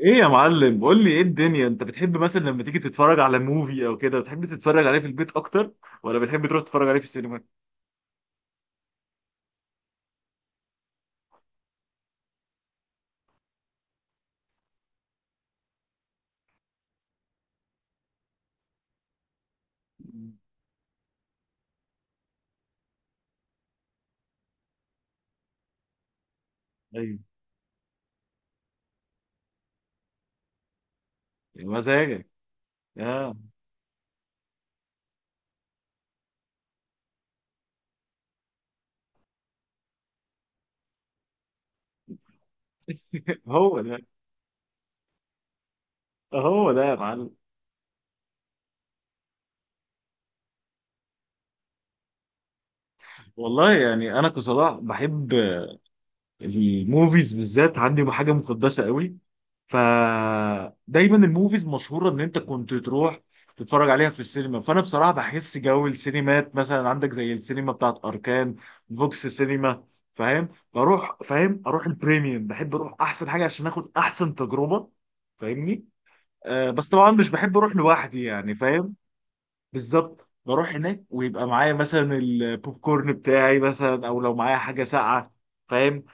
ايه يا معلم، قول لي ايه الدنيا. انت بتحب مثلا لما تيجي تتفرج على موفي او كده، بتحب تتفرج عليه في البيت اكتر ولا بتحب تروح تتفرج عليه في السينما؟ ايوه. يا مزاجك. اه. هو ده. هو ده يا معلم. والله يعني انا كصلاح بحب الموفيز بالذات، عندي حاجه مقدسه قوي. فدايما الموفيز مشهوره ان انت كنت تروح تتفرج عليها في السينما. فانا بصراحه بحس جو السينمات، مثلا عندك زي السينما بتاعت اركان، فوكس سينما. فاهم، بروح، فاهم اروح البريميوم، بحب اروح احسن حاجه عشان اخد احسن تجربه. فاهمني؟ آه بس طبعا مش بحب اروح لوحدي يعني، فاهم. بالظبط، بروح هناك ويبقى معايا مثلا البوب كورن بتاعي، مثلا، او لو معايا حاجه ساقعه. فاهم؟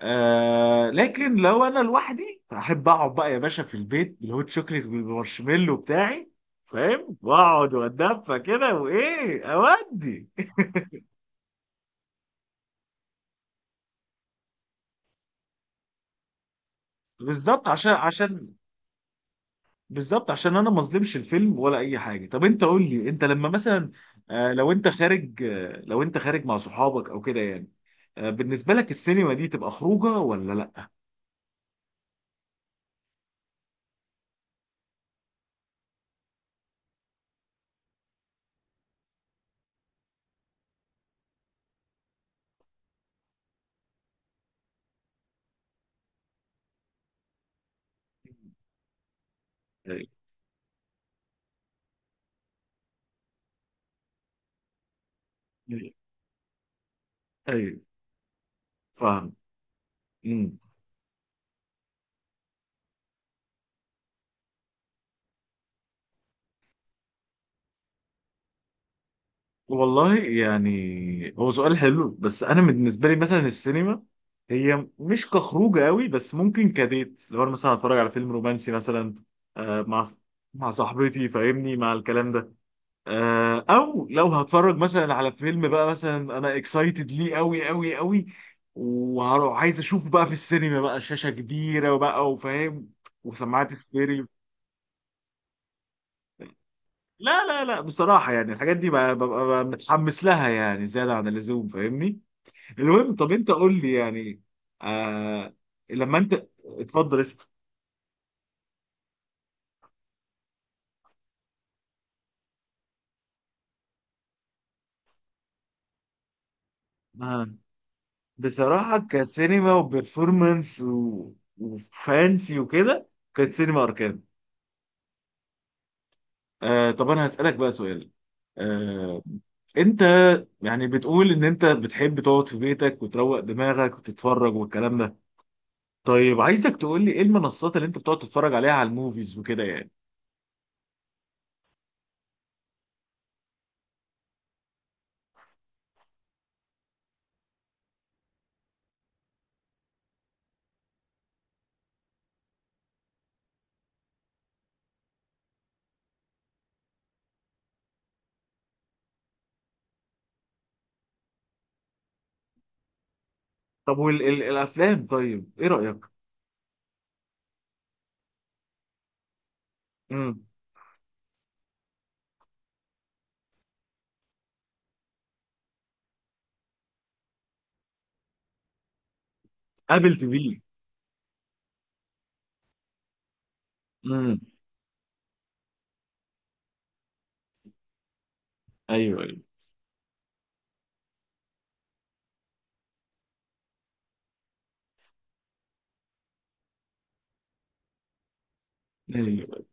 آه لكن لو انا لوحدي احب اقعد بقى يا باشا في البيت بالهوت شوكليت بالمارشميلو بتاعي. فاهم، واقعد واتدفى كده وايه اودي. بالظبط عشان بالظبط عشان انا ما اظلمش الفيلم ولا اي حاجه. طب انت قول لي، انت لما مثلا لو انت خارج مع صحابك او كده يعني، آه، بالنسبه لك السينما دي تبقى خروجه ولا لا؟ ايوه، ايوه، أيوه، فاهم. والله يعني هو سؤال حلو، بس انا بالنسبه لي مثلا السينما هي مش كخروج قوي، بس ممكن كديت. لو انا مثلا اتفرج على فيلم رومانسي مثلا، آه، مع صاحبتي، فاهمني، مع الكلام ده. آه، او لو هتفرج مثلا على فيلم بقى، مثلا انا اكسايتد ليه قوي قوي قوي، وهروح عايز اشوفه بقى في السينما بقى، شاشه كبيره وبقى وفاهم، وسماعات ستيريو. لا لا لا، بصراحه يعني الحاجات دي ببقى متحمس لها، يعني زياده عن اللزوم، فاهمني. المهم، طب انت قول لي يعني. آه. لما انت، اتفضل اسأل. آه. بصراحة كسينما وبرفورمانس وفانسي وكده، كانت سينما أركان. آه طب أنا هسألك بقى سؤال. آه أنت يعني بتقول إن أنت بتحب تقعد في بيتك وتروق دماغك وتتفرج والكلام ده. طيب عايزك تقول لي إيه المنصات اللي أنت بتقعد تتفرج عليها على الموفيز وكده يعني. طب والأفلام، طيب إيه رأيك؟ امم. ابل تي في. امم. ايوه. أيوة. أيوة.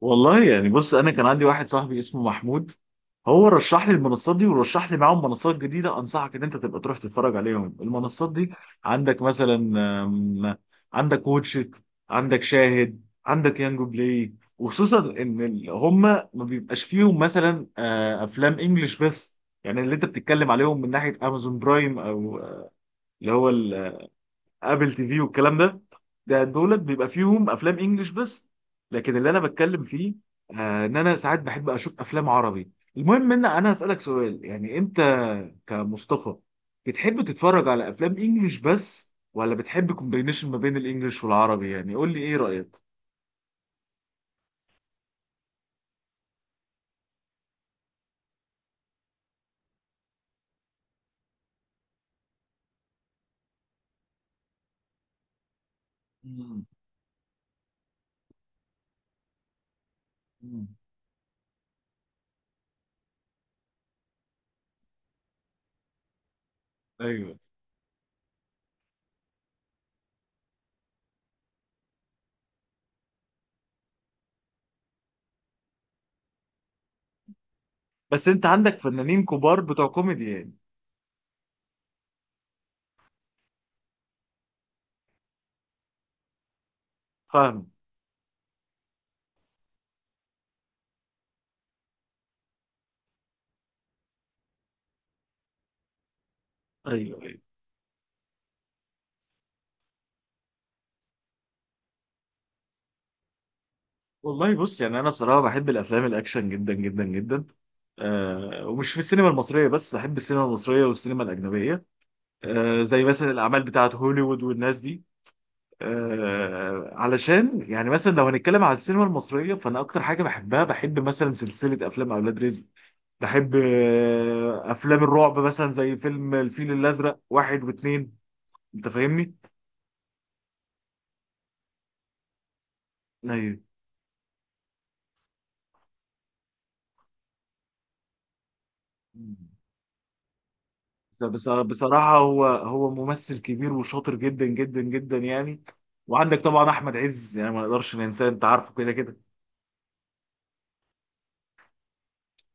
والله يعني بص، انا كان عندي واحد صاحبي اسمه محمود، هو رشح لي المنصات دي ورشح لي معاهم منصات جديده. انصحك ان انت تبقى تروح تتفرج عليهم المنصات دي. عندك مثلا، آم، عندك واتشت، عندك شاهد، عندك يانجو بلاي. وخصوصا ان هما ما بيبقاش فيهم مثلا افلام انجلش بس، يعني اللي انت بتتكلم عليهم من ناحيه امازون برايم او اللي هو ابل تي في والكلام ده. ده دولت بيبقى فيهم افلام انجلش بس. لكن اللي انا بتكلم فيه، ان انا ساعات بحب اشوف افلام عربي. المهم ان انا هسالك سؤال، يعني انت كمصطفى بتحب تتفرج على افلام انجلش بس ولا بتحب كومبينيشن ما بين الانجليش والعربي؟ يعني قول لي ايه رايك. مم. مم. ايوه. بس انت عندك فنانين كبار بتوع كوميدي يعني. فاهم. ايوه. والله بص، يعني انا بصراحه بحب الافلام الاكشن جدا جدا جدا. آه، ومش في السينما المصريه بس، بحب السينما المصريه والسينما الاجنبيه، آه، زي مثلا الاعمال بتاعه هوليوود والناس دي. آه علشان يعني مثلا لو هنتكلم على السينما المصريه، فانا اكتر حاجه بحبها بحب مثلا سلسله افلام اولاد رزق، بحب افلام الرعب مثلا زي فيلم الفيل الازرق واحد واتنين. انت فاهمني؟ ايوه. بصراحة هو ممثل كبير وشاطر جدا جدا جدا يعني. وعندك طبعا أحمد عز، يعني ما نقدرش ننساه، أنت عارفه كده كده.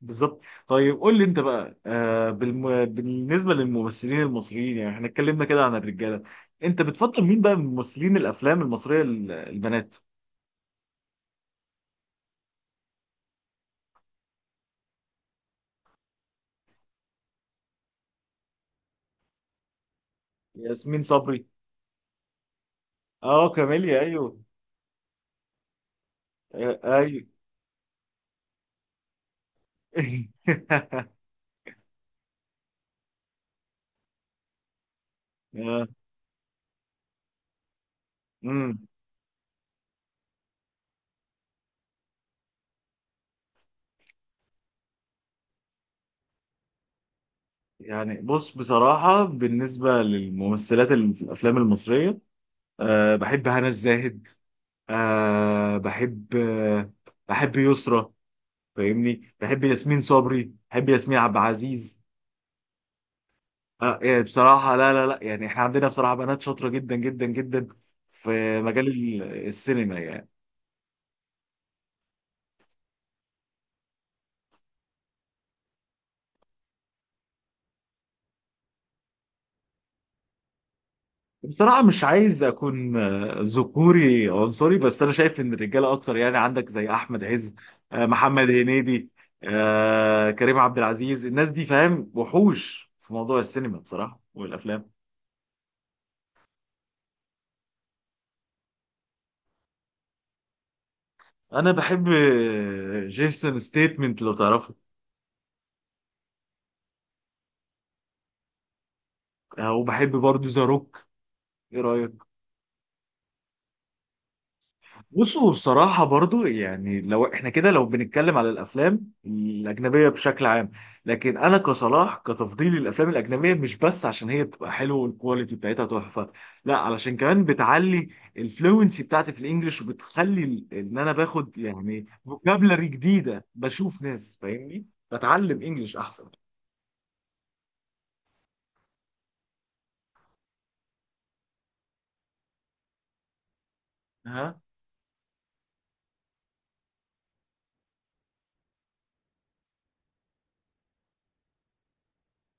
بالظبط. طيب قول لي أنت بقى، بالنسبة للممثلين المصريين، يعني احنا اتكلمنا كده عن الرجالة، أنت بتفضل مين بقى من ممثلين الأفلام المصرية البنات؟ ياسمين صبري. أه كاميليا، أيوه. آه، أيوه. آه. أمم. يعني بص، بصراحة بالنسبة للممثلات اللي في الأفلام المصرية، أه بحب هنا الزاهد، أه بحب يسرا، فاهمني، بحب ياسمين صبري، بحب ياسمين عبد العزيز. أه يعني بصراحة لا لا لا، يعني احنا عندنا بصراحة بنات شاطرة جدا جدا جدا في مجال السينما يعني. بصراحة مش عايز أكون ذكوري عنصري، بس أنا شايف إن الرجالة أكتر يعني. عندك زي أحمد عز، محمد هنيدي، كريم عبد العزيز، الناس دي فاهم وحوش في موضوع السينما بصراحة والأفلام. انا بحب جيسون ستيتمنت، لو تعرفه. وبحب برضو ذا روك، ايه رايك؟ بصوا بصراحه برضو، يعني لو احنا كده لو بنتكلم على الافلام الاجنبيه بشكل عام. لكن انا كصلاح كتفضيلي الافلام الاجنبيه مش بس عشان هي بتبقى حلوه والكواليتي بتاعتها تحفه، لا علشان كمان بتعلي الفلوينسي بتاعتي في الانجليش، وبتخلي ان انا باخد يعني فوكابلري جديده، بشوف ناس، فاهمني. بتعلم انجليش احسن. ها.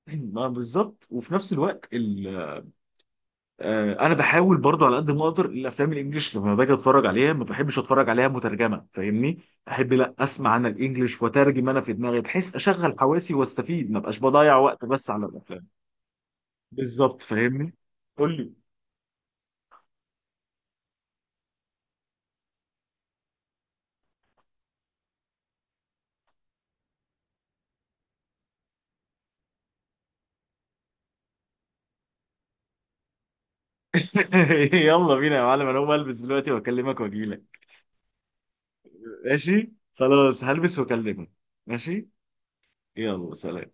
ما بالظبط، وفي نفس الوقت آه، انا بحاول برضو على قد ما اقدر الافلام الانجليش لما باجي اتفرج عليها ما بحبش اتفرج عليها مترجمه، فاهمني. احب لا اسمع انا الانجليش واترجم انا في دماغي، بحيث اشغل حواسي واستفيد، ما بقاش بضيع وقت بس على الافلام. بالظبط، فاهمني. قول لي. يلا بينا يا معلم، انا هقوم البس دلوقتي واكلمك واجيلك. ماشي. خلاص هلبس واكلمك. ماشي. يلا سلام.